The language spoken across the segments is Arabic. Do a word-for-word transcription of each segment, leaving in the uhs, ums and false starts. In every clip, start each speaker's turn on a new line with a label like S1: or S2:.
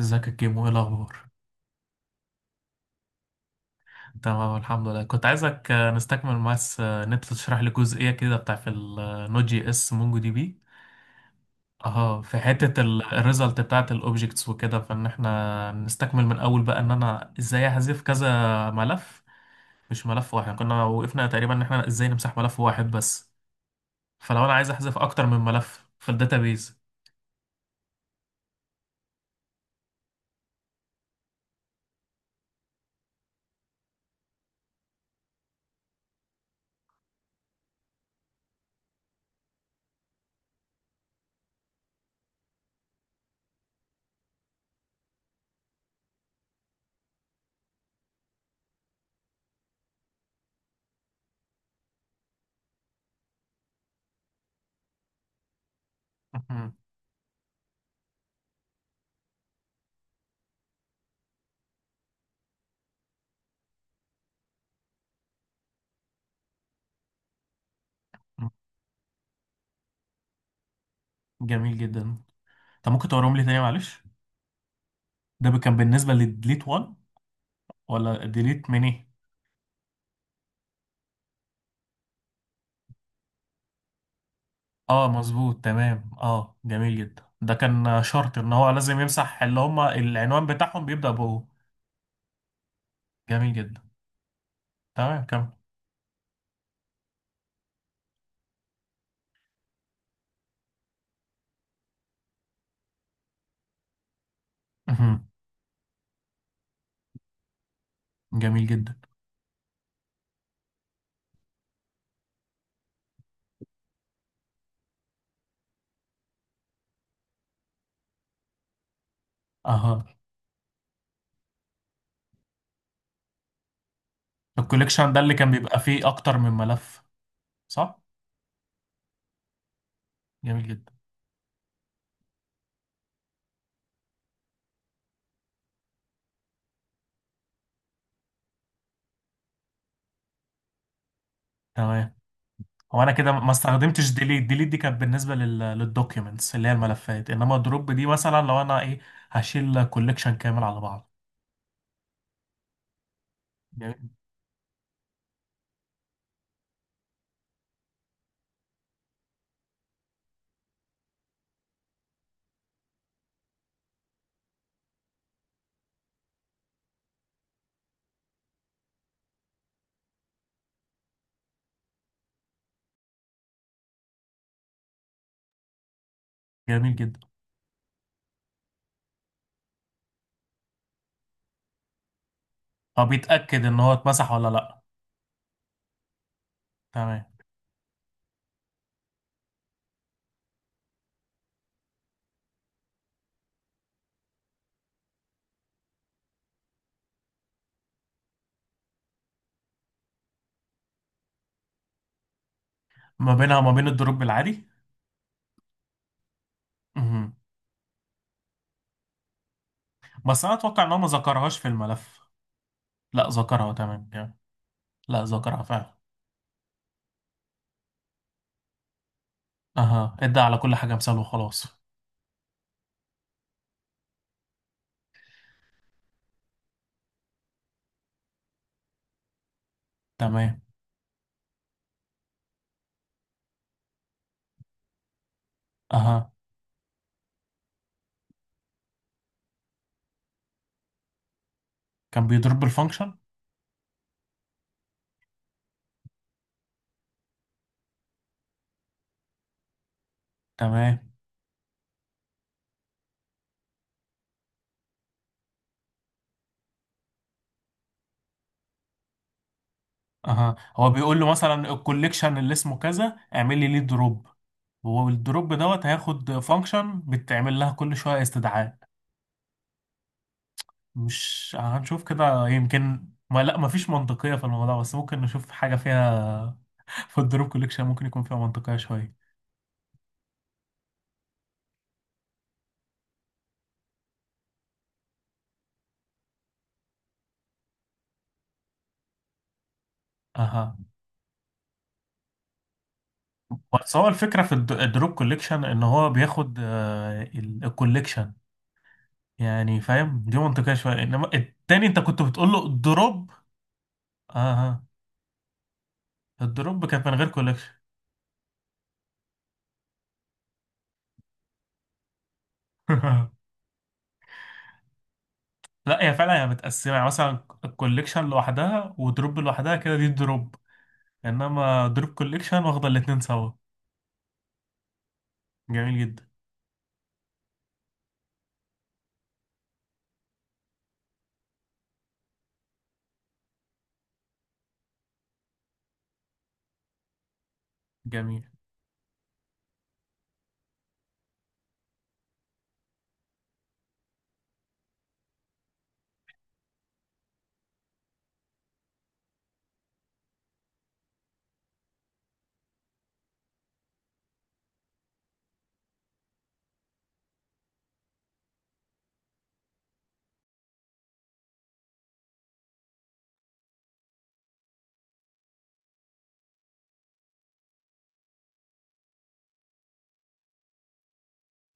S1: ازيك يا كيمو؟ ايه الاخبار؟ تمام، الحمد لله. كنت عايزك آه، نستكمل بس آه، ان انت تشرح لي جزئيه كده بتاعت النود جي اس مونجو دي بي. اه في حته الريزلت بتاعت الاوبجكتس وكده، فان احنا نستكمل من اول بقى ان انا ازاي احذف كذا ملف. مش ملف واحد، يعني كنا وقفنا تقريبا ان احنا ازاي نمسح ملف واحد بس. فلو انا عايز احذف اكتر من ملف في الداتابيز. مهم. جميل جدا. طب، ممكن توريهم لي تاني معلش؟ ده كان بالنسبه للديليت واحد ولا ديليت ميني؟ اه مظبوط، تمام. اه جميل جدا. ده كان شرط ان هو لازم يمسح اللي هم العنوان بتاعهم بيبدأ بهو. جميل جدا. تمام، كمل. مهم. جميل جدا. اها. الكوليكشن ده اللي كان بيبقى فيه اكتر من ملف، صح؟ جميل جدا. تمام. هو انا كده ما استخدمتش ديليت ديليت دي، كانت بالنسبه لل للدوكيومنتس اللي هي الملفات، انما دروب دي مثلا لو انا ايه، هشيل كوليكشن كامل على بعض. جميل. جميل جدا. هو بيتاكد ان هو اتمسح ولا لا؟ تمام. ما بينها وما بين الدروب العادي؟ مهم. بس انا اتوقع ان هو ما ذكرهاش في الملف. لا، ذكرها، تمام يعني. لا، ذكرها فعلا. اها، ادى على كل حاجه مثال وخلاص. تمام. اها. كان بيضرب بالفانكشن. تمام. اها، هو بيقول له مثلا الكوليكشن اللي اسمه كذا، اعمل لي ليه دروب. والدروب دوت هياخد فانكشن بتعمل لها كل شويه استدعاء. مش هنشوف كده؟ يمكن ما لا، مفيش منطقيه في الموضوع، بس ممكن نشوف حاجه فيها. في الدروب كوليكشن ممكن يكون فيها منطقيه شويه. اها. بس هو الفكرة في الد- الدروب كوليكشن ان هو بياخد الكوليكشن، يعني فاهم؟ دي منطقية شوية، انما التاني انت كنت بتقول له الدروب. اه، الدروب كانت من غير كوليكشن. لا، هي فعلا هي متقسمة، يعني مثلا الكوليكشن لوحدها ودروب لوحدها كده، دي الدروب. انما دروب كوليكشن واخدة الاتنين سوا. جميل جدا. جميل.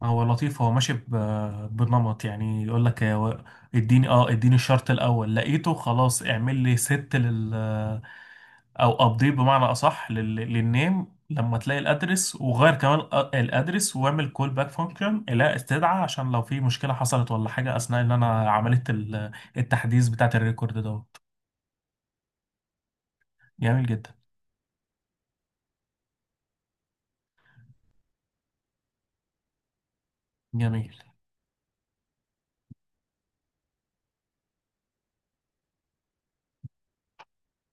S1: هو لطيف، هو ماشي ب- بنمط، يعني يقول لك يا و- اديني اه اديني الشرط الاول، لقيته، خلاص. اعمل لي ست لل، او ابديت بمعنى اصح لل- للنيم لما تلاقي الادرس، وغير كمان أ- الادرس، واعمل كول باك فانكشن الى استدعى، عشان لو في مشكله حصلت ولا حاجه اثناء ان انا عملت ال- التحديث بتاعت الريكورد دوت. جميل جدا. جميل.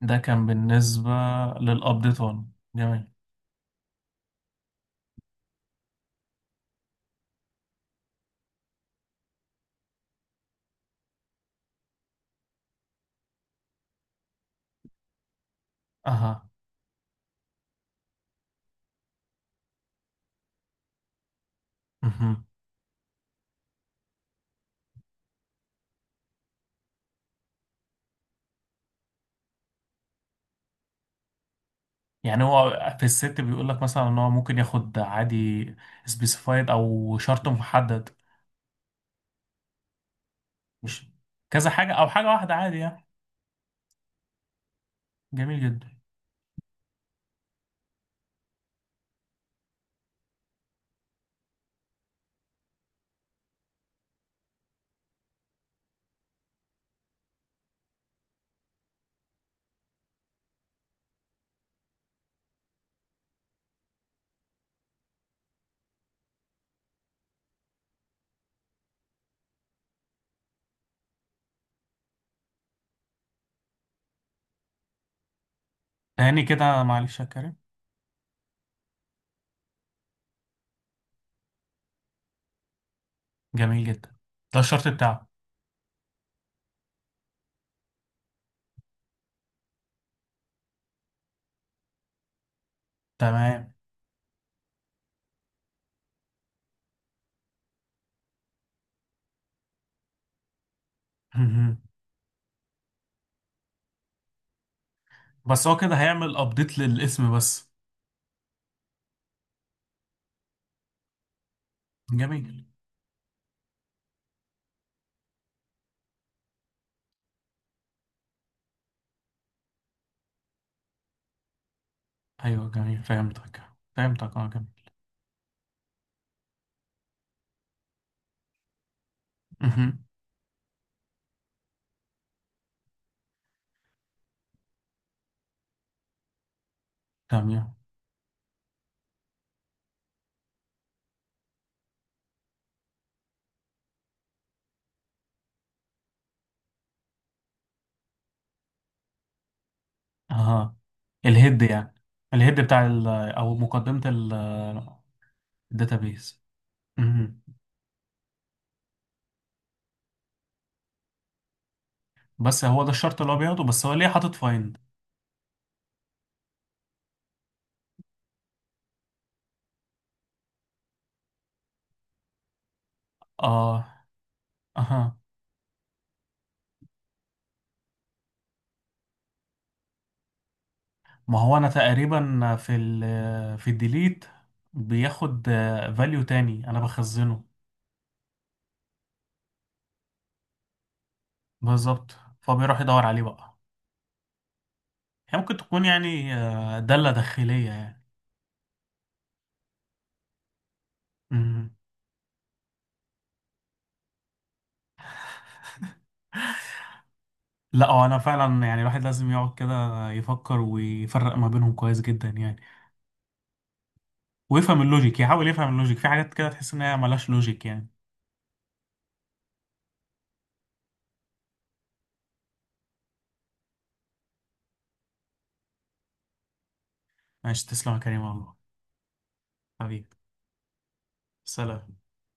S1: ده كان بالنسبه للابديت ون. جميل. اها. مهم. يعني هو في الست بيقول لك مثلا ان هو ممكن ياخد عادي، سبيسيفايد او شرط محدد. مش كذا حاجه او حاجه واحده عادي يعني؟ جميل جدا. تاني كده معلش يا كريم. جميل جدا. ده الشرط بتاعه. تمام. مهم. بس هو كده هيعمل ابديت للاسم بس؟ جميل. ايوه، جميل، فهمتك. فهمتك، اه، جميل. مهم. تمام. اها. الهيد يعني، الهيد بتاع ال، او مقدمة ال، الداتابيز. مهم. بس هو ده الشرط اللي هو بياخده، بس هو ليه حاطط فايند؟ اه. اها. ما هو انا تقريبا في ال في الديليت بياخد فاليو تاني انا بخزنه. بالظبط. فبيروح يدور عليه بقى. هي ممكن تكون يعني آه، دالة داخلية يعني. مم. لا، هو انا فعلا يعني الواحد لازم يقعد كده يفكر ويفرق ما بينهم كويس جدا يعني. ويفهم اللوجيك، يحاول يفهم اللوجيك في حاجات كده تحس ان هي ملهاش لوجيك يعني. ماشي، تسلم يا كريم والله. حبيبي. سلام.